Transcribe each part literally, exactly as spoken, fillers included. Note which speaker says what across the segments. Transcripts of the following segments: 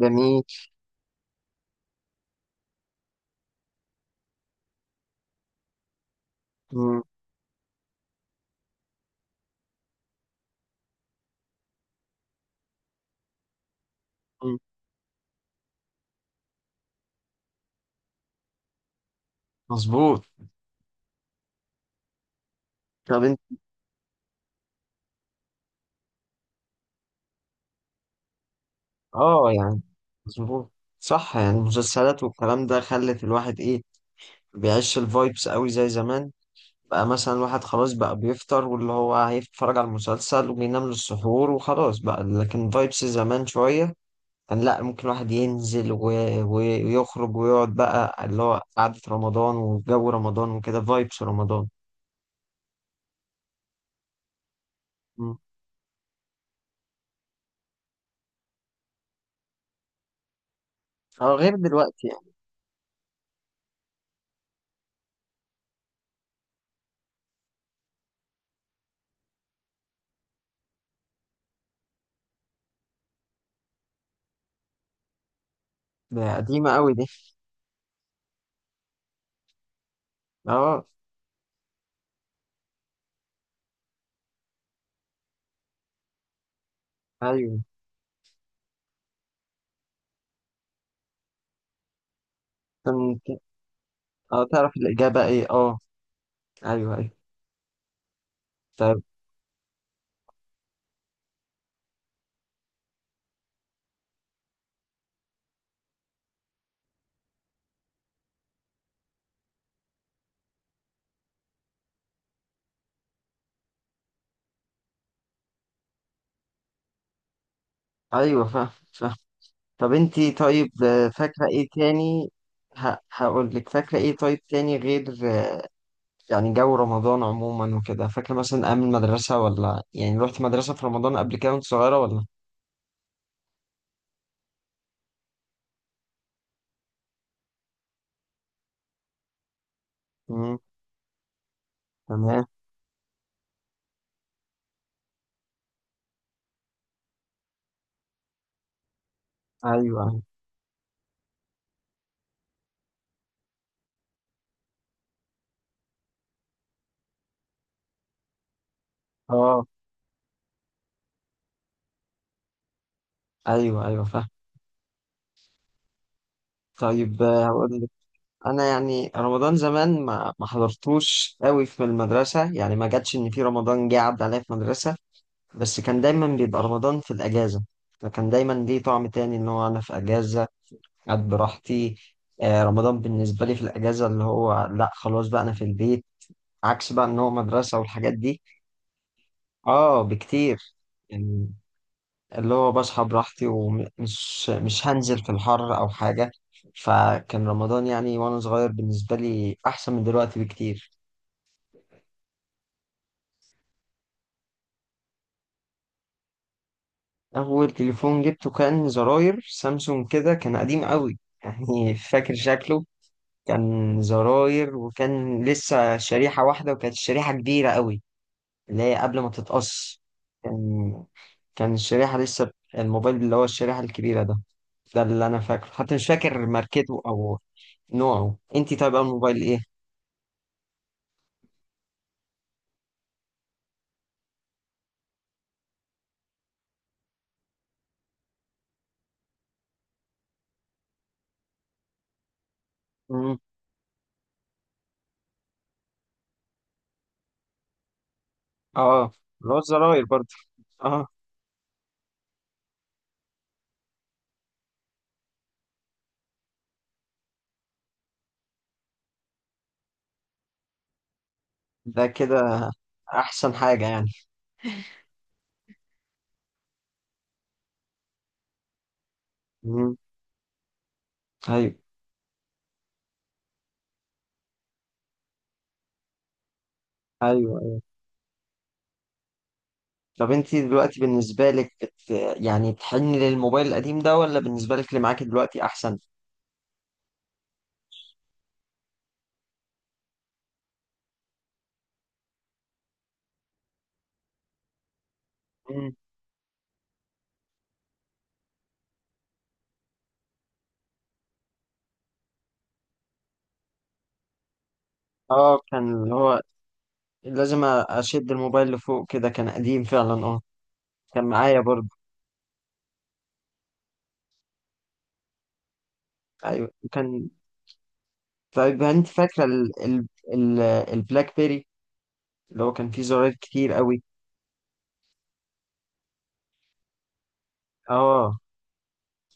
Speaker 1: جميل. مم. مم. مظبوط. طب انت. اه، يعني مظبوط. صح، يعني المسلسلات والكلام ده خلت الواحد ايه بيعيش الفايبس قوي زي زمان. بقى مثلا الواحد خلاص بقى بيفطر، واللي هو هيتفرج على المسلسل وبينام للسحور وخلاص بقى، لكن فايبس زمان شوية. كان لا ممكن الواحد ينزل و... و- ويخرج ويقعد بقى اللي هو قعدة رمضان وجو رمضان وكده فايبس رمضان. مم. اه، غير دلوقتي يعني. ده قديمة قوي دي. اه. ايوه كان. اه، تعرف الإجابة ايه؟ اه. ايوه ايوه. طب. ايوه فاهم فاهم. طب انتي طيب، آه، فاكرة ايه تاني؟ ه... هقول لك فاكرة ايه طيب تاني غير آه، يعني جو رمضان عموما وكده، فاكرة مثلا أيام المدرسة، ولا يعني رحت مدرسة في رمضان قبل كده وانت صغيرة ولا؟ مم. تمام. ايوه. أيوه. اه. ايوه ايوه فاهم. طيب، آه، هقول لك. انا يعني رمضان زمان ما ما حضرتوش قوي في المدرسة، يعني ما جاتش ان في رمضان جه عدى عليا في مدرسة. بس كان دايما بيبقى رمضان في الأجازة. فكان دايما ليه طعم تاني إن هو أنا في أجازة، قاعد براحتي. آه، رمضان بالنسبة لي في الأجازة اللي هو لأ خلاص بقى أنا في البيت، عكس بقى إن هو مدرسة والحاجات دي. آه، بكتير. يعني، اللي هو بصحى براحتي ومش مش هنزل في الحر أو حاجة. فكان رمضان يعني وأنا صغير بالنسبة لي أحسن من دلوقتي بكتير. أول تليفون جبته كان زراير سامسونج كده، كان قديم قوي. يعني فاكر شكله. كان زراير، وكان لسه شريحة واحدة، وكانت الشريحة كبيرة قوي، اللي هي قبل ما تتقص. كان كان الشريحة لسه ب- الموبايل اللي هو الشريحة الكبيرة ده. ده اللي أنا فاكره، حتى مش فاكر ماركته أو نوعه. أنتي طيب أول موبايل إيه؟ مم. آه، اللي هو الزراير برضه. آه. ده كده أحسن حاجة يعني. مم. أيوه. أيوه أيوه. طب أنتي دلوقتي بالنسبة لك بت... يعني بتحني للموبايل القديم ده، ولا بالنسبة لك اللي معاكي دلوقتي أحسن؟ اه، كان اللي هو لازم اشد الموبايل لفوق كده، كان قديم فعلا اه. كان معايا برضه. ايوه كان. طيب انت فاكره ال... ال... ال... البلاك بيري اللي هو كان فيه زراير كتير قوي. اه،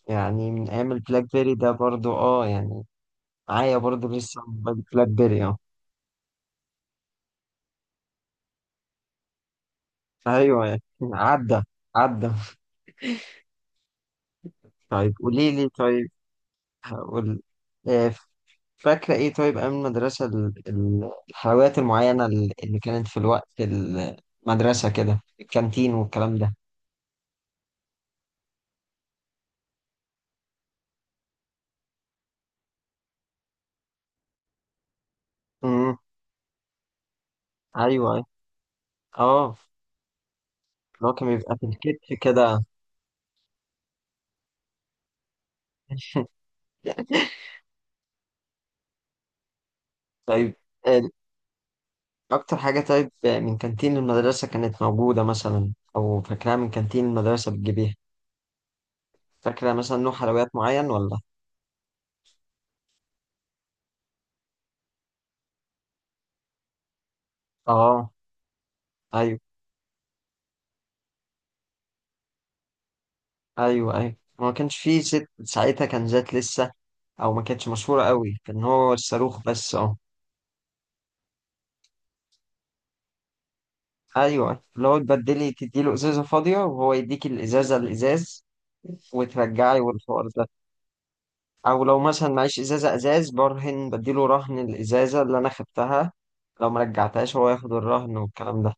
Speaker 1: يعني من ايام البلاك بيري ده برضه اه يعني. معايا برضه لسه موبايل بلاك بيري اه. ايوه، يعني عدى عدى. طيب قولي لي طيب. هقول. آه، فاكرة إيه طيب أيام المدرسة ال- ال- الحلويات المعينة ال- اللي كانت في الوقت المدرسة كده، الكانتين والكلام ده. امم أيوه أيوة. أه. اللي هو كان بيبقى في الكتف كده. طيب، آه، أكتر حاجة طيب آه، من كانتين المدرسة كانت موجودة مثلا، أو فاكراها من كانتين المدرسة بتجيبيها؟ فاكرة مثلا نوع حلويات معين ولا؟ أه. أيوه أيوه أيوه، ما كانش فيه زيت ساعتها، كان زيت لسه، او ما كانتش مشهوره قوي، كان هو الصاروخ بس اه. ايوه، اللي هو تبدلي تديله ازازه فاضيه، وهو يديك الازازه الازاز، وترجعي والحوار ده. او لو مثلا معيش ازازه ازاز برهن بديله، رهن الازازه اللي انا خدتها، لو ما رجعتهاش هو ياخد الرهن والكلام ده.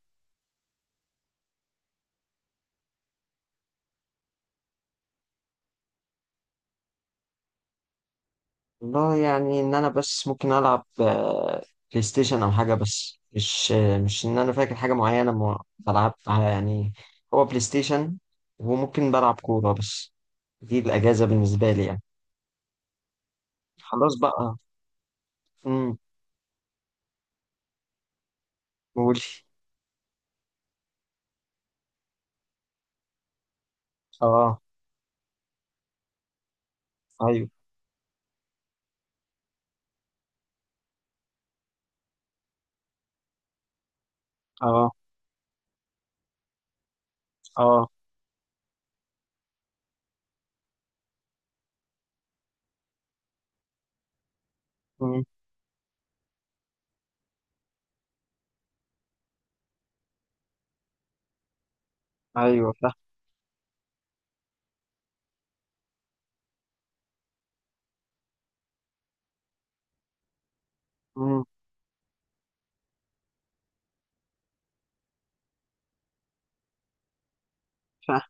Speaker 1: والله يعني، ان انا بس ممكن العب آه، بلاي ستيشن او حاجه، بس مش آه، مش ان انا فاكر حاجه معينه ما بلعبها يعني. هو بلاي ستيشن، وممكن بلعب كوره بس. دي الاجازه بالنسبه لي يعني. خلاص بقى. امم قولي. اه. ايوه. اه. اه. امم ايوه فاهم. امم فاهم.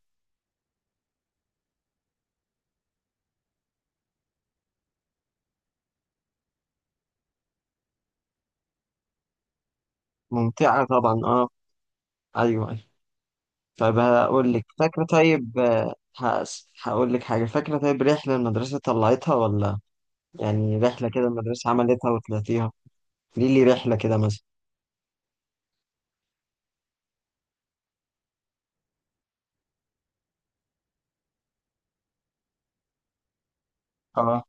Speaker 1: ممتعة طبعا اه. ايوه ايوه. طيب هقول لك فاكرة طيب آه، هس- هقول لك حاجة، فاكرة طيب رحلة المدرسة طلعتها ولا؟ يعني رحلة كده المدرسة عملتها وطلعتيها؟ ليه لي رحلة كده مثلا. اه.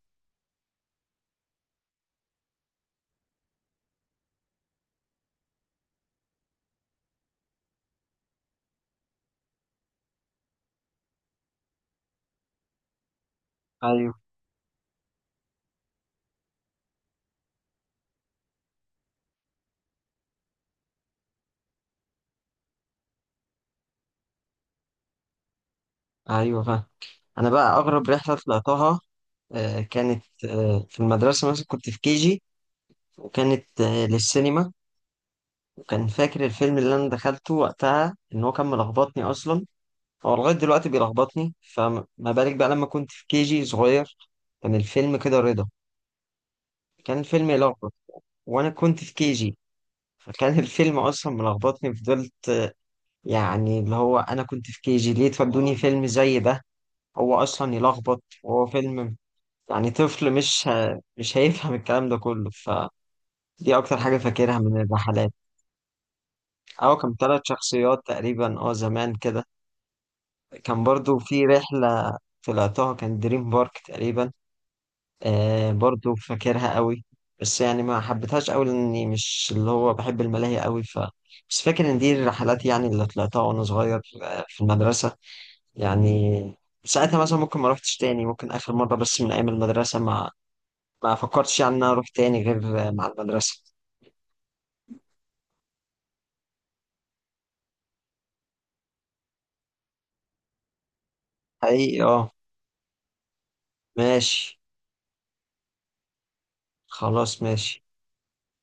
Speaker 1: ايوه ايوه فاهم. انا بقى اغرب رحلة طلعتها، آه، كانت آه، في المدرسة مثلا كنت في كيجي، وكانت آه، للسينما. كان فاكر الفيلم اللي انا دخلته وقتها ان هو كان ملخبطني اصلا، هو لغايه دلوقتي بيلخبطني، فما بالك بقى لما كنت في كي جي صغير. كان الفيلم كده رضا، كان فيلم يلخبط، وانا كنت في كي جي. فكان الفيلم اصلا ملخبطني، فضلت يعني اللي هو انا كنت في كي جي ليه تودوني فيلم زي ده؟ هو اصلا يلخبط، وهو فيلم يعني طفل مش ه... مش هيفهم الكلام ده كله، فدي اكتر حاجه فاكرها من الرحلات. اه كان ثلاث شخصيات تقريبا اه زمان كده. كان برضو في رحلة طلعتها، كان دريم بارك تقريبا. آه برضو فاكرها قوي، بس يعني ما حبيتهاش قوي لاني مش اللي هو بحب الملاهي قوي ف بس فاكر ان دي الرحلات يعني اللي طلعتها وانا صغير آه، في المدرسة يعني. ساعتها مثلا ممكن ما روحتش تاني، ممكن اخر مرة بس من ايام المدرسة ما ما فكرتش يعني ان انا اروح تاني غير آه، مع المدرسة. حقيقي اه. ماشي. خلاص ماشي.